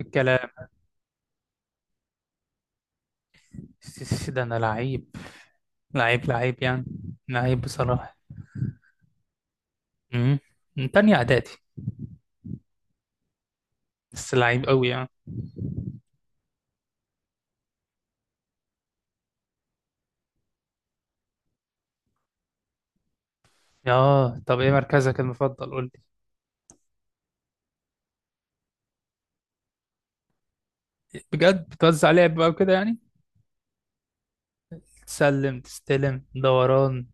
الكلام. السيسي ده انا لعيب، لعيب لعيب يعني. لعيب بصراحة. امم من تانية اعدادي. بس لعيب قوي يعني. اه، طب ايه مركزك المفضل قول لي؟ بجد بتوزع لعب بقى وكده يعني؟ تسلم، تستلم دوران.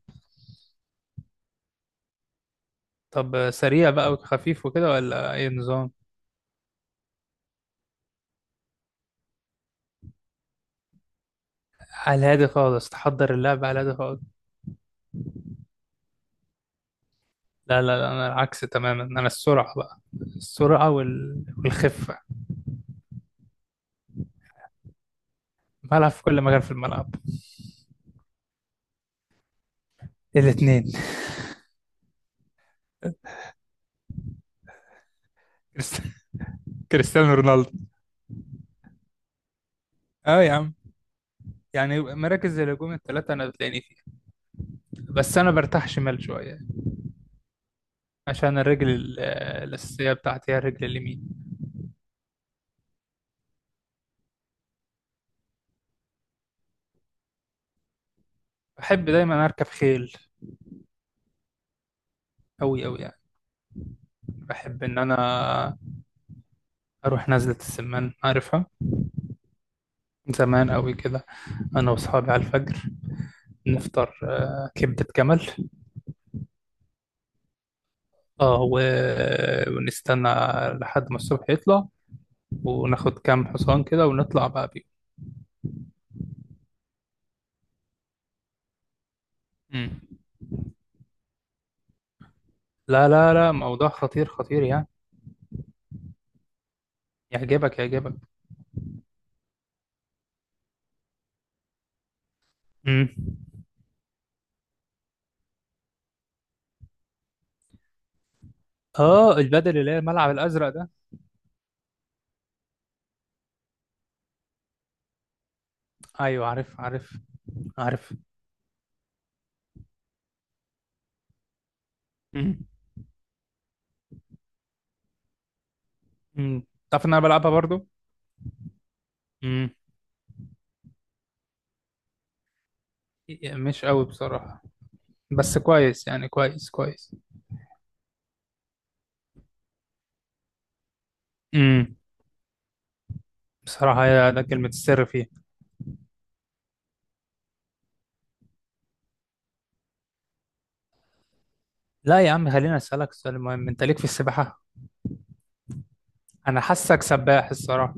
طب سريع بقى وخفيف وكده، ولا اي نظام؟ على الهادي خالص، تحضر اللعب على الهادي خالص. لا لا لا، انا العكس تماما، انا السرعة بقى. السرعة والخفة. بلعب في كل مكان في الملعب. الاتنين. كريست- كريستيانو رونالدو. اه يا عم. يعني مراكز زي الهجوم الثلاثة أنا بتلاقيني فيها. بس أنا برتاح شمال شوية. عشان الرجل الأساسية بتاعتي هي الرجل اليمين. بحب دايما أركب خيل. أوي أوي يعني. بحب إن أنا أروح نزلة السمان، عارفها؟ من زمان أوي كده. أنا وأصحابي على الفجر نفطر، كبدة جمل. ونستنى لحد ما الصبح يطلع، وناخد كام حصان كده ونطلع بقى بيهم. مم. لا لا لا، موضوع خطير خطير يعني. يعجبك يعجبك. مم. اه، البدل اللي هي الملعب الازرق ده. ايوه، عارف عارف عارف. امم امم تعرف ان انا بلعبها برضو. امم مش قوي بصراحه. بس كويس يعني، كويس كويس. امم بصراحه هي ده كلمه السر فيها. لا يا عم، خليني اسالك سؤال مهم، انت ليك في السباحه؟ انا حاسك سباح الصراحه.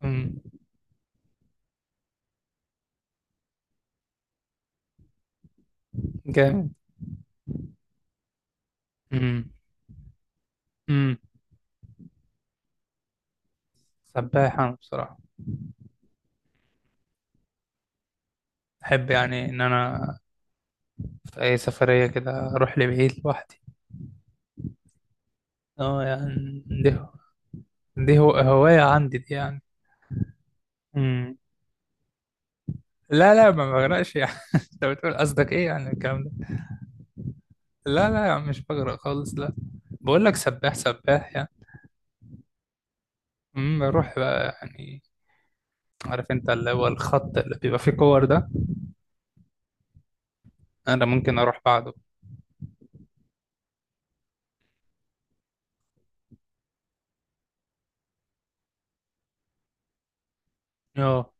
امم جامد. امم امم سباح انا بصراحه. احب يعني ان انا في اي سفريه كده اروح لبعيد لوحدي. اه يعني، دي هو هوايه عندي دي يعني. مم. لا لا، ما بغرقش يعني. انت بتقول قصدك ايه يعني الكلام ده؟ لا لا يا عم، مش بغرق خالص لا. بقول لك سباح سباح يعني. بروح بقى يعني. عارف انت اللي هو الخط اللي بيبقى فيه كور ده؟ انا ممكن اروح بعده. اه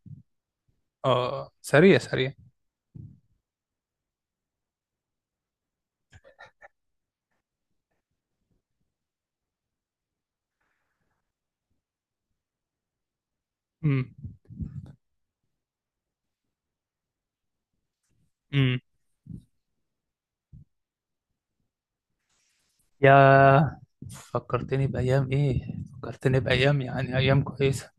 اه، سريع سريع. امم امم يا، فكرتني بايام ايه. فكرتني بايام، يعني ايام كويسه.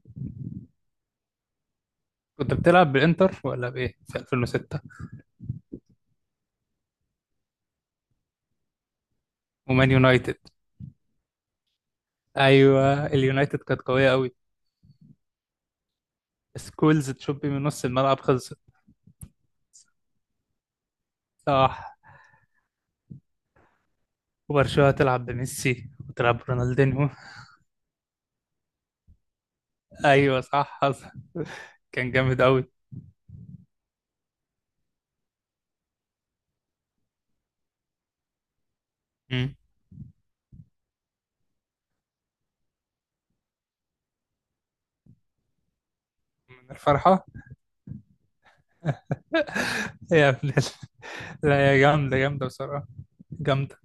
كنت بتلعب بالانتر ولا بايه في 2006؟ ومان يونايتد. ايوه، اليونايتد كانت قويه قوي. سكولز تشوبي من نص الملعب خلصت. صح. وبرشلونة تلعب بميسي وتلعب برونالدينو. ايوه صح حصل. كان جامد قوي. مم. من الفرحة. يا ابن ال-. لا يا، جامدة جامدة بصراحة. جامدة.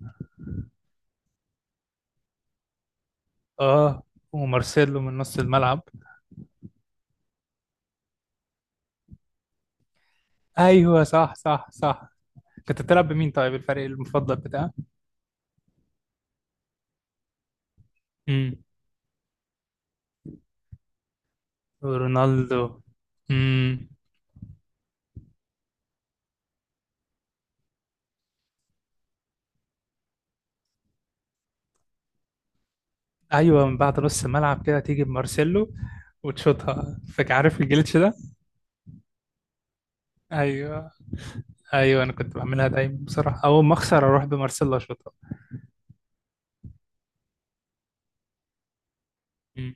اه، ومارسيلو من نص الملعب. ايوه صح صح صح. كنت بتلعب بمين طيب، الفريق المفضل بتاعك؟ مم. رونالدو. امم ايوه، من بعد نص الملعب كده تيجي بمارسيلو وتشوطها، فاكر، عارف الجليتش ده؟ ايوه ايوه، انا كنت بعملها دايما بصراحه، اول ما اخسر اروح بمارسيلا اشوطها. مم.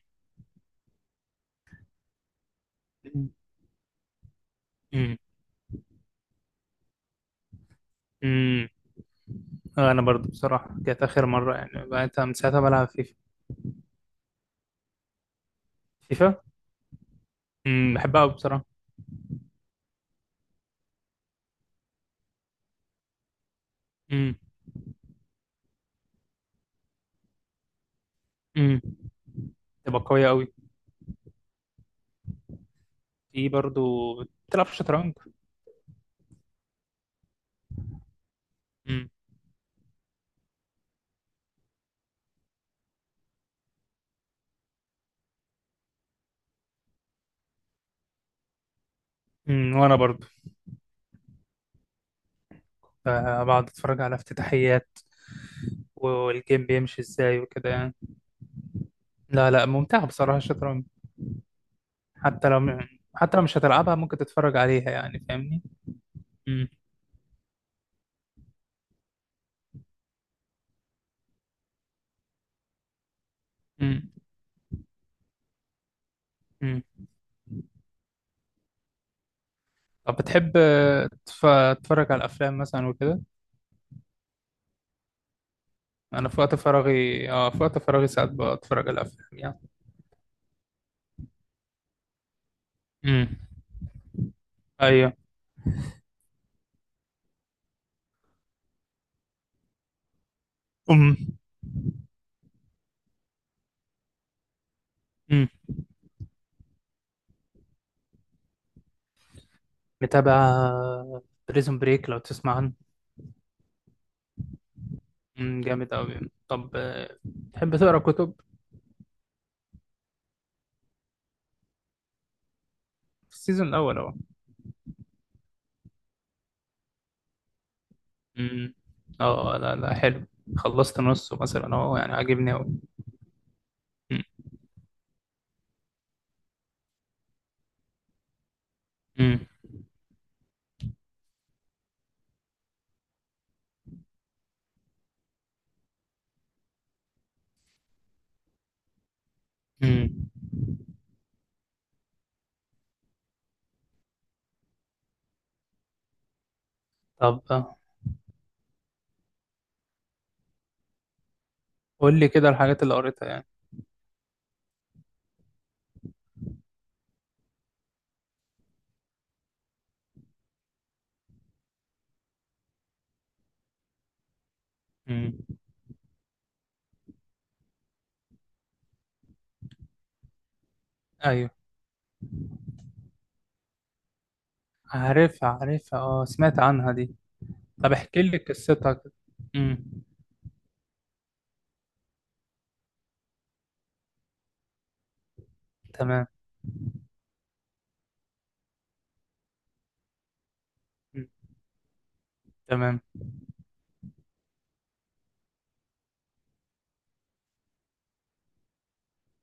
مم. مم. مم. انا برضو بصراحه كانت اخر مره، يعني بقيت من ساعتها بلعب فيفا. فيفا. بحبها قوي بصراحه. مم. مم. تبقى قويه قوي. في برضو، بتلعب شطرنج؟ مم. وانا برضو بقعد اتفرج على افتتاحيات والجيم بيمشي ازاي وكده يعني. لا لا، ممتعه بصراحه الشطرنج. حتى لو حتى لو مش هتلعبها ممكن تتفرج عليها يعني، فاهمني؟ مم. مم. طب بتحب تتفرج على الافلام مثلا وكده. انا في وقت فراغي ساعات بتفرج على الافلام يعني. امم ايوه. امم امم متابع بريزون بريك، لو تسمع عنه. جامد قوي. طب تحب تقرا كتب؟ في السيزون الاول اهو. امم اه، لا لا، حلو. خلصت نصه مثلا اهو، يعني عاجبني قوي. امم امم امم طب قول لي كده الحاجات اللي قريتها يعني. امم ايوه، عارفها عارفها، اه سمعت عنها دي. طب احكي لي قصتها كده. امم تمام. مم. تمام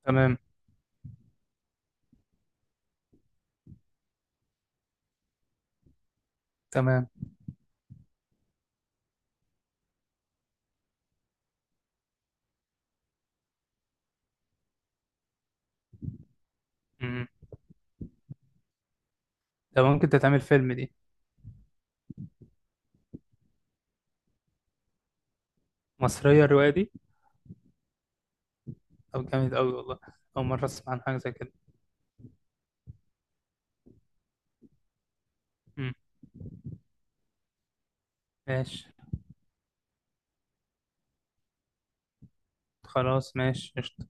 تمام تمام. امم ده ممكن تتعمل فيلم دي. مصرية الرواية دي؟ طب جامد قوي والله. أول مرة أسمع عن حاجة زي كده. امم ماشي، خلاص ماشي قشطة.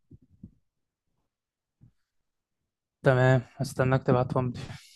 تمام، هستناك تبعتهم لي.